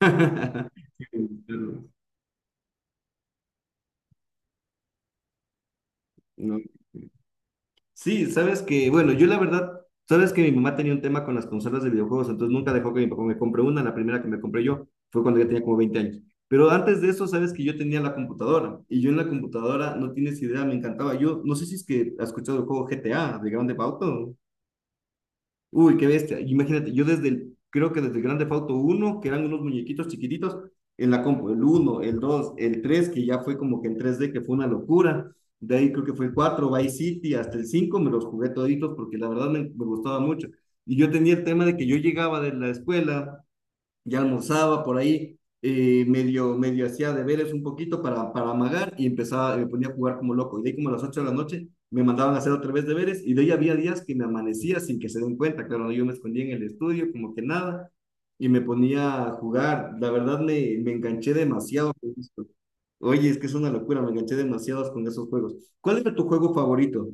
No. Sí, sabes que, bueno, yo la verdad, sabes que mi mamá tenía un tema con las consolas de videojuegos, entonces nunca dejó que mi papá me compre una, la primera que me compré yo fue cuando ya tenía como 20 años. Pero antes de eso, sabes que yo tenía la computadora y yo en la computadora, no tienes idea, me encantaba. Yo no sé si es que has escuchado el juego GTA de Grand Theft Auto. Uy, qué bestia. Imagínate, yo desde el, creo que desde el Grand Theft Auto 1, que eran unos muñequitos chiquititos, en la compu, el uno, el 2, el 3 que ya fue como que en tres d que fue una locura. De ahí creo que fue el 4 Vice City, hasta el 5 me los jugué toditos porque la verdad me gustaba mucho. Y yo tenía el tema de que yo llegaba de la escuela ya almorzaba por ahí, medio, medio hacía deberes un poquito para amagar y empezaba, me ponía a jugar como loco. Y de ahí como a las 8 de la noche me mandaban a hacer otra vez deberes y de ahí había días que me amanecía sin que se den cuenta. Claro, yo me escondía en el estudio como que nada y me ponía a jugar. La verdad me enganché demasiado con esto. Oye, es que es una locura, me enganché demasiado con esos juegos. ¿Cuál era tu juego favorito?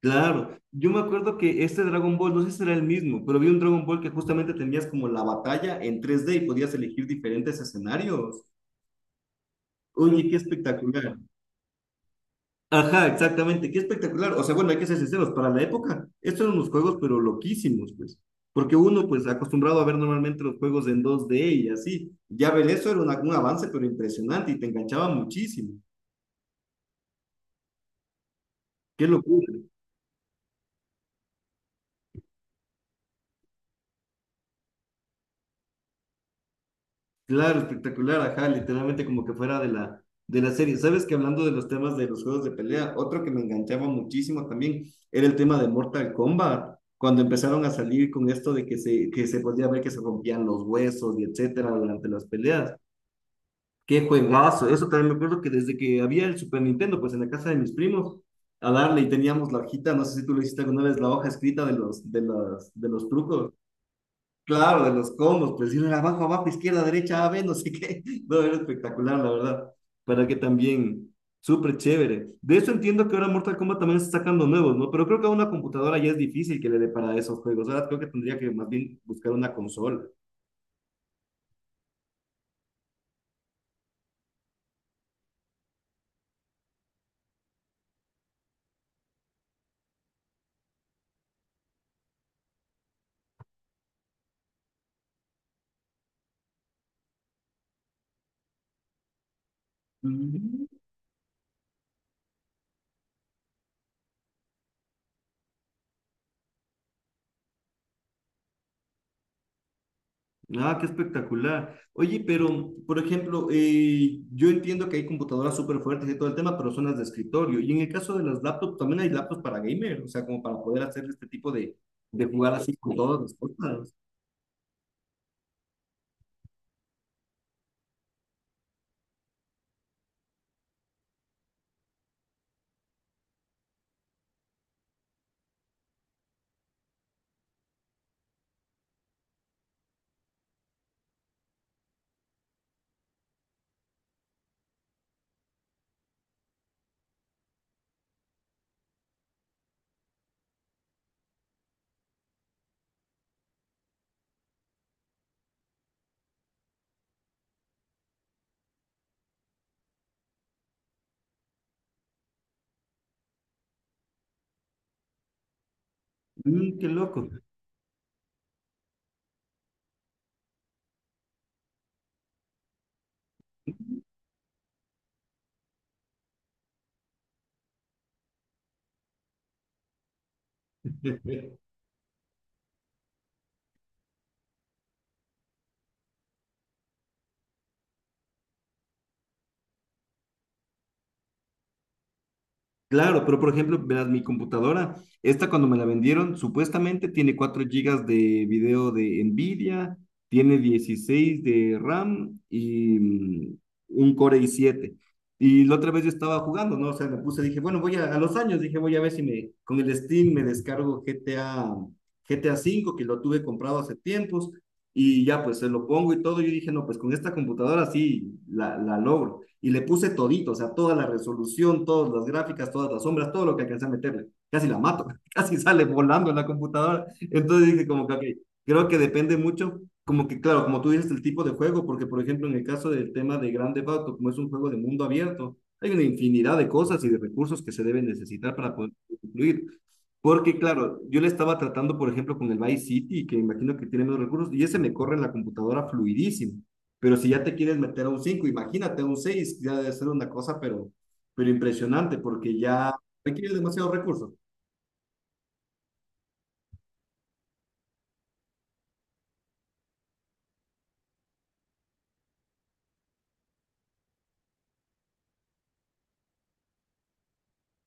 Claro, yo me acuerdo que este Dragon Ball, no sé si era el mismo, pero vi un Dragon Ball que justamente tenías como la batalla en 3D y podías elegir diferentes escenarios. Oye, qué espectacular. Ajá, exactamente, qué espectacular. O sea, bueno, hay que ser sinceros, para la época, estos eran unos juegos pero loquísimos, pues. Porque uno, pues, acostumbrado a ver normalmente los juegos en 2D y así, ya ver eso era un avance pero impresionante y te enganchaba muchísimo. Qué locura. Claro, espectacular, ajá, literalmente como que fuera de la serie. Sabes que hablando de los temas de los juegos de pelea, otro que me enganchaba muchísimo también era el tema de Mortal Kombat, cuando empezaron a salir con esto de que que se podía ver que se rompían los huesos y etcétera durante las peleas. Qué juegazo, eso también me acuerdo que desde que había el Super Nintendo, pues en la casa de mis primos, a darle y teníamos la hojita, no sé si tú lo hiciste alguna vez, la hoja escrita de los trucos. Claro, de los combos, presión abajo, abajo, izquierda, derecha, A, B, no sé qué. No, era espectacular, la verdad. Para que también, súper chévere. De eso entiendo que ahora Mortal Kombat también está sacando nuevos, ¿no? Pero creo que a una computadora ya es difícil que le dé para esos juegos. Ahora creo que tendría que más bien buscar una consola. Ah, qué espectacular. Oye, pero, por ejemplo, yo entiendo que hay computadoras súper fuertes y todo el tema, pero son las de escritorio. Y en el caso de las laptops, también hay laptops para gamer, o sea, como para poder hacer este tipo de jugar así con todas las cosas. Mm, qué loco. Claro, pero por ejemplo, verás, mi computadora, esta cuando me la vendieron, supuestamente tiene 4 gigas de video de NVIDIA, tiene 16 de RAM y un Core i7. Y la otra vez yo estaba jugando, ¿no? O sea, me puse, dije, bueno, voy a los años, dije, voy a ver si me, con el Steam me descargo GTA 5, que lo tuve comprado hace tiempos, y ya pues se lo pongo y todo. Yo dije, no, pues con esta computadora sí la logro y le puse todito, o sea, toda la resolución, todas las gráficas, todas las sombras, todo lo que alcancé a meterle. Casi la mato, casi sale volando en la computadora. Entonces dije como que, ok, creo que depende mucho, como que claro, como tú dices, el tipo de juego, porque por ejemplo en el caso del tema de Grand Theft Auto, como es un juego de mundo abierto, hay una infinidad de cosas y de recursos que se deben necesitar para poder concluir. Porque, claro, yo le estaba tratando, por ejemplo, con el Vice City, que imagino que tiene menos recursos, y ese me corre en la computadora fluidísimo. Pero si ya te quieres meter a un 5 imagínate un 6 ya debe ser una cosa, pero impresionante, porque ya requiere demasiados recursos.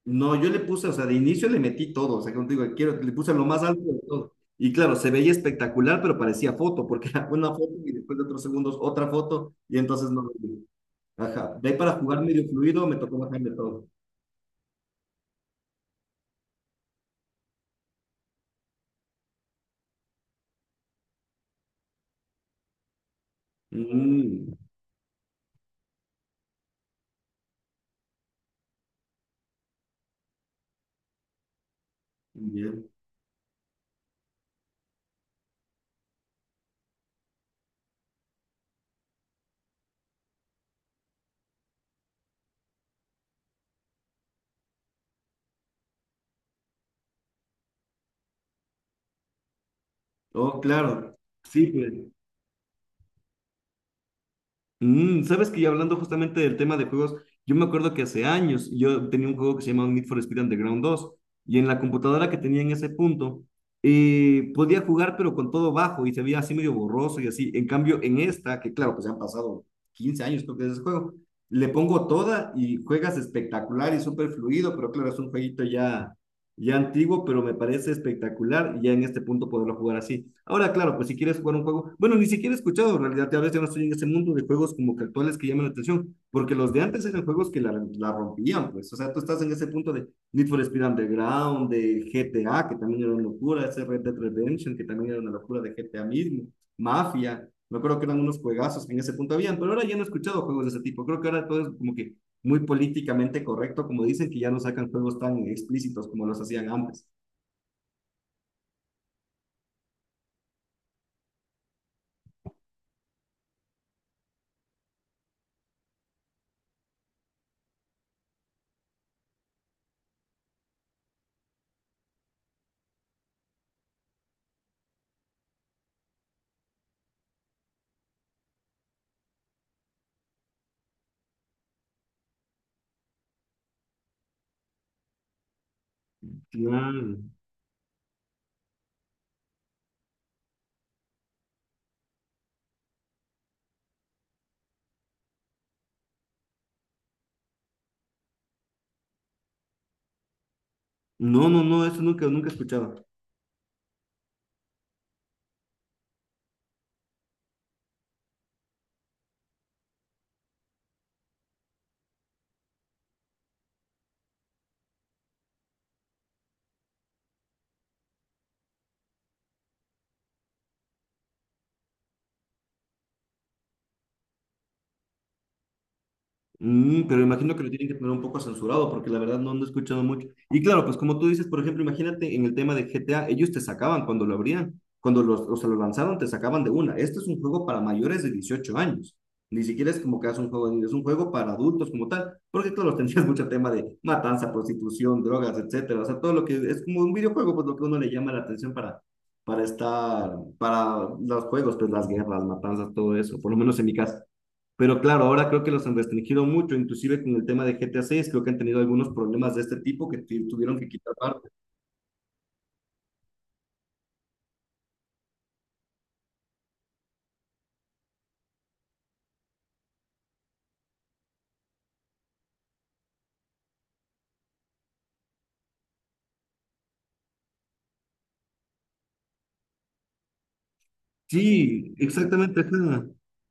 No, yo le puse, o sea, de inicio le metí todo, o sea, como te digo, quiero, le puse lo más alto de todo. Y claro, se veía espectacular, pero parecía foto, porque era una foto y después de otros segundos otra foto, y entonces no. Ajá, de ahí para jugar medio fluido me tocó bajarle todo. Mm, bien. Oh, claro. Sí, pues. Sabes que ya hablando justamente del tema de juegos, yo me acuerdo que hace años yo tenía un juego que se llamaba Need for Speed Underground 2 y en la computadora que tenía en ese punto podía jugar pero con todo bajo y se veía así medio borroso y así. En cambio en esta, que claro, pues ya han pasado 15 años creo que es ese juego, le pongo toda y juegas espectacular y súper fluido, pero claro, es un jueguito ya antiguo, pero me parece espectacular ya en este punto poderlo jugar así. Ahora, claro, pues si quieres jugar un juego, bueno, ni siquiera he escuchado, en realidad a veces yo no estoy en ese mundo de juegos como que actuales que llaman la atención, porque los de antes eran juegos que la rompían, pues, o sea, tú estás en ese punto de Need for Speed Underground, de GTA, que también era una locura, ese Red Dead Redemption, que también era una locura de GTA mismo, Mafia, me acuerdo que eran unos juegazos que en ese punto habían, pero ahora ya no he escuchado juegos de ese tipo. Creo que ahora todo es como que muy políticamente correcto, como dicen, que ya no sacan juegos tan explícitos como los hacían antes. Claro. No, no, no, eso nunca, nunca he escuchado. Pero imagino que lo tienen que tener un poco censurado, porque la verdad no ando escuchando mucho. Y claro, pues como tú dices, por ejemplo, imagínate en el tema de GTA, ellos te sacaban cuando lo abrían, cuando los, o sea, lo lanzaron, te sacaban de una. Este es un juego para mayores de 18 años. Ni siquiera es como que es un juego, de niños, es un juego para adultos como tal, porque claro, tendrías mucho tema de matanza, prostitución, drogas, etcétera. O sea, todo lo que es como un videojuego, pues lo que uno le llama la atención para estar, para los juegos, pues las guerras, matanzas, todo eso, por lo menos en mi caso. Pero claro, ahora creo que los han restringido mucho, inclusive con el tema de GTA 6, creo que han tenido algunos problemas de este tipo que tuvieron que quitar parte. Sí, exactamente. Ajá.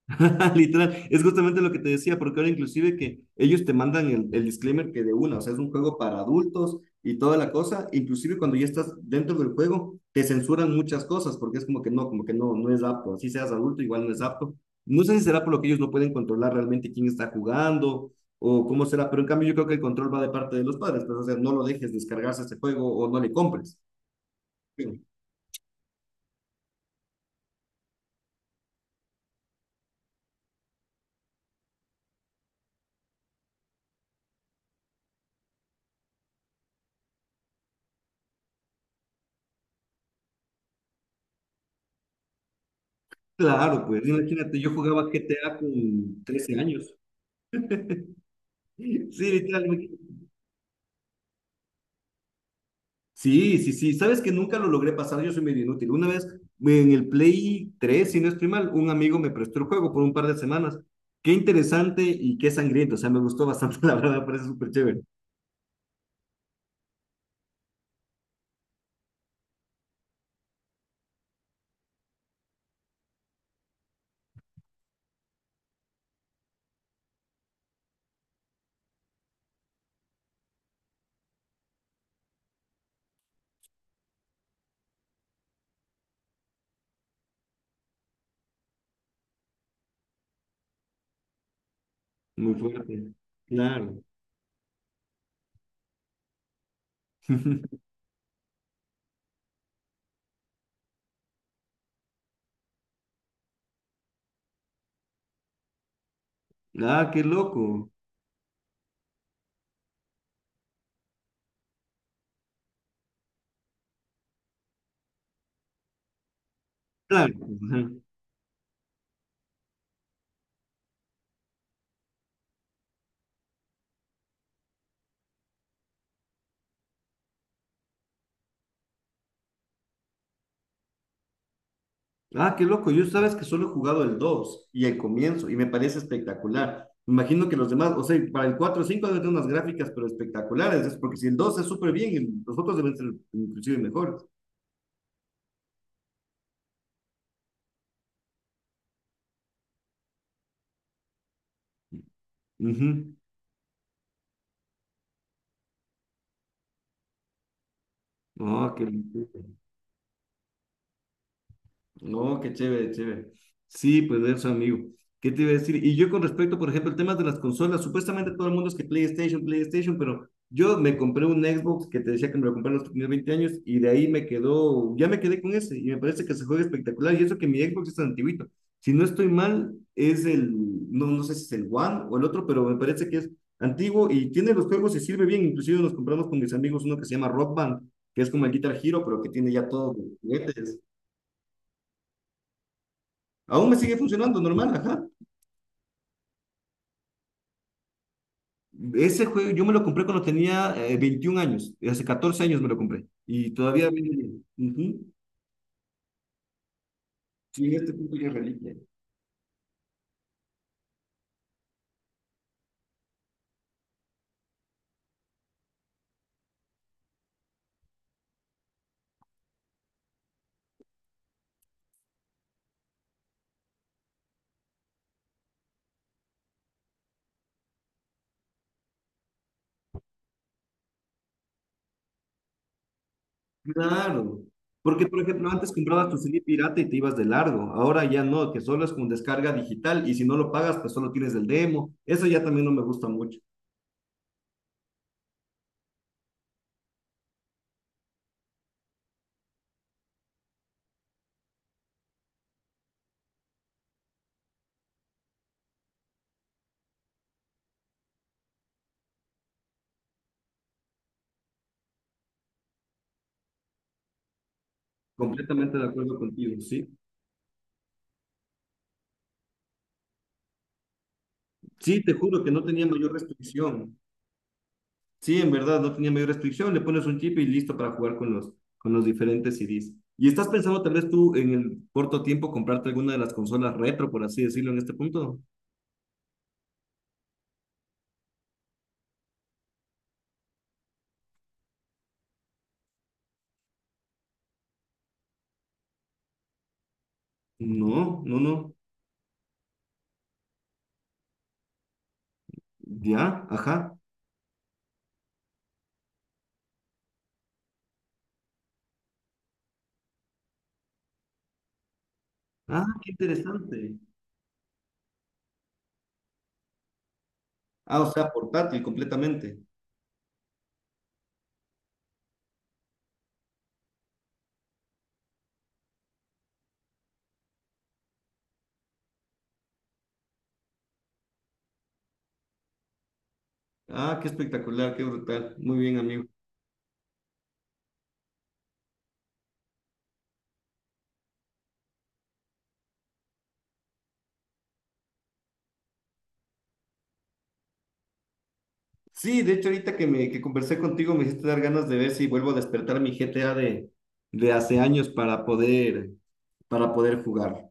Literal, es justamente lo que te decía, porque ahora inclusive que ellos te mandan el disclaimer que de una, o sea, es un juego para adultos y toda la cosa, inclusive cuando ya estás dentro del juego, te censuran muchas cosas, porque es como que no, no es apto, así seas adulto, igual no es apto. No sé si será por lo que ellos no pueden controlar realmente quién está jugando o cómo será, pero en cambio yo creo que el control va de parte de los padres, pues, o sea, no lo dejes descargarse este juego o no le compres. Sí, claro, pues imagínate, yo jugaba GTA con 13 años. Sí, literal, imagínate. Sí, sí, sí. Sabes que nunca lo logré pasar, yo soy medio inútil. Una vez en el Play 3, si no estoy mal, un amigo me prestó el juego por un par de semanas. Qué interesante y qué sangriento. O sea, me gustó bastante, la verdad, me parece súper chévere. Muy fuerte. Claro. Ah, qué loco. Claro. Ajá. Ah, qué loco. Yo sabes que solo he jugado el 2 y el comienzo y me parece espectacular. Me imagino que los demás, o sea, para el 4 o 5 deben tener unas gráficas, pero espectaculares. Es porque si el 2 es súper bien, los otros deben ser inclusive mejores. Ujú. No, qué lindo. No, qué chévere, chévere. Sí, pues eso, amigo. ¿Qué te iba a decir? Y yo con respecto, por ejemplo, al tema de las consolas, supuestamente todo el mundo es que PlayStation, PlayStation, pero yo me compré un Xbox que te decía que me lo compré a los primeros 20 años y de ahí me quedó, ya me quedé con ese y me parece que se juega espectacular y eso que mi Xbox es antiguito. Si no estoy mal, es el, no, no sé si es el One o el otro, pero me parece que es antiguo y tiene los juegos y sirve bien. Inclusive nos compramos con mis amigos uno que se llama Rock Band, que es como el Guitar Hero, pero que tiene ya todos los juguetes. Aún me sigue funcionando normal, ajá. Ese juego yo me lo compré cuando tenía 21 años, hace 14 años me lo compré y todavía viene. Ujú. Sí, en este punto ya es reliquia. Claro, porque por ejemplo antes comprabas tu CD pirata y te ibas de largo, ahora ya no, que solo es con descarga digital y si no lo pagas pues solo tienes el demo, eso ya también no me gusta mucho, completamente de acuerdo contigo, sí. Sí, te juro que no tenía mayor restricción. Sí, en verdad, no tenía mayor restricción, le pones un chip y listo para jugar con los diferentes CDs. ¿Y estás pensando tal vez tú en el corto tiempo comprarte alguna de las consolas retro, por así decirlo, en este punto? No, no, no. Ya, ajá. Ah, qué interesante. Ah, o sea, portátil completamente. Ah, qué espectacular, qué brutal. Muy bien, amigo. Sí, de hecho, ahorita que conversé contigo me hiciste dar ganas de ver si vuelvo a despertar mi GTA de hace años para poder, jugar.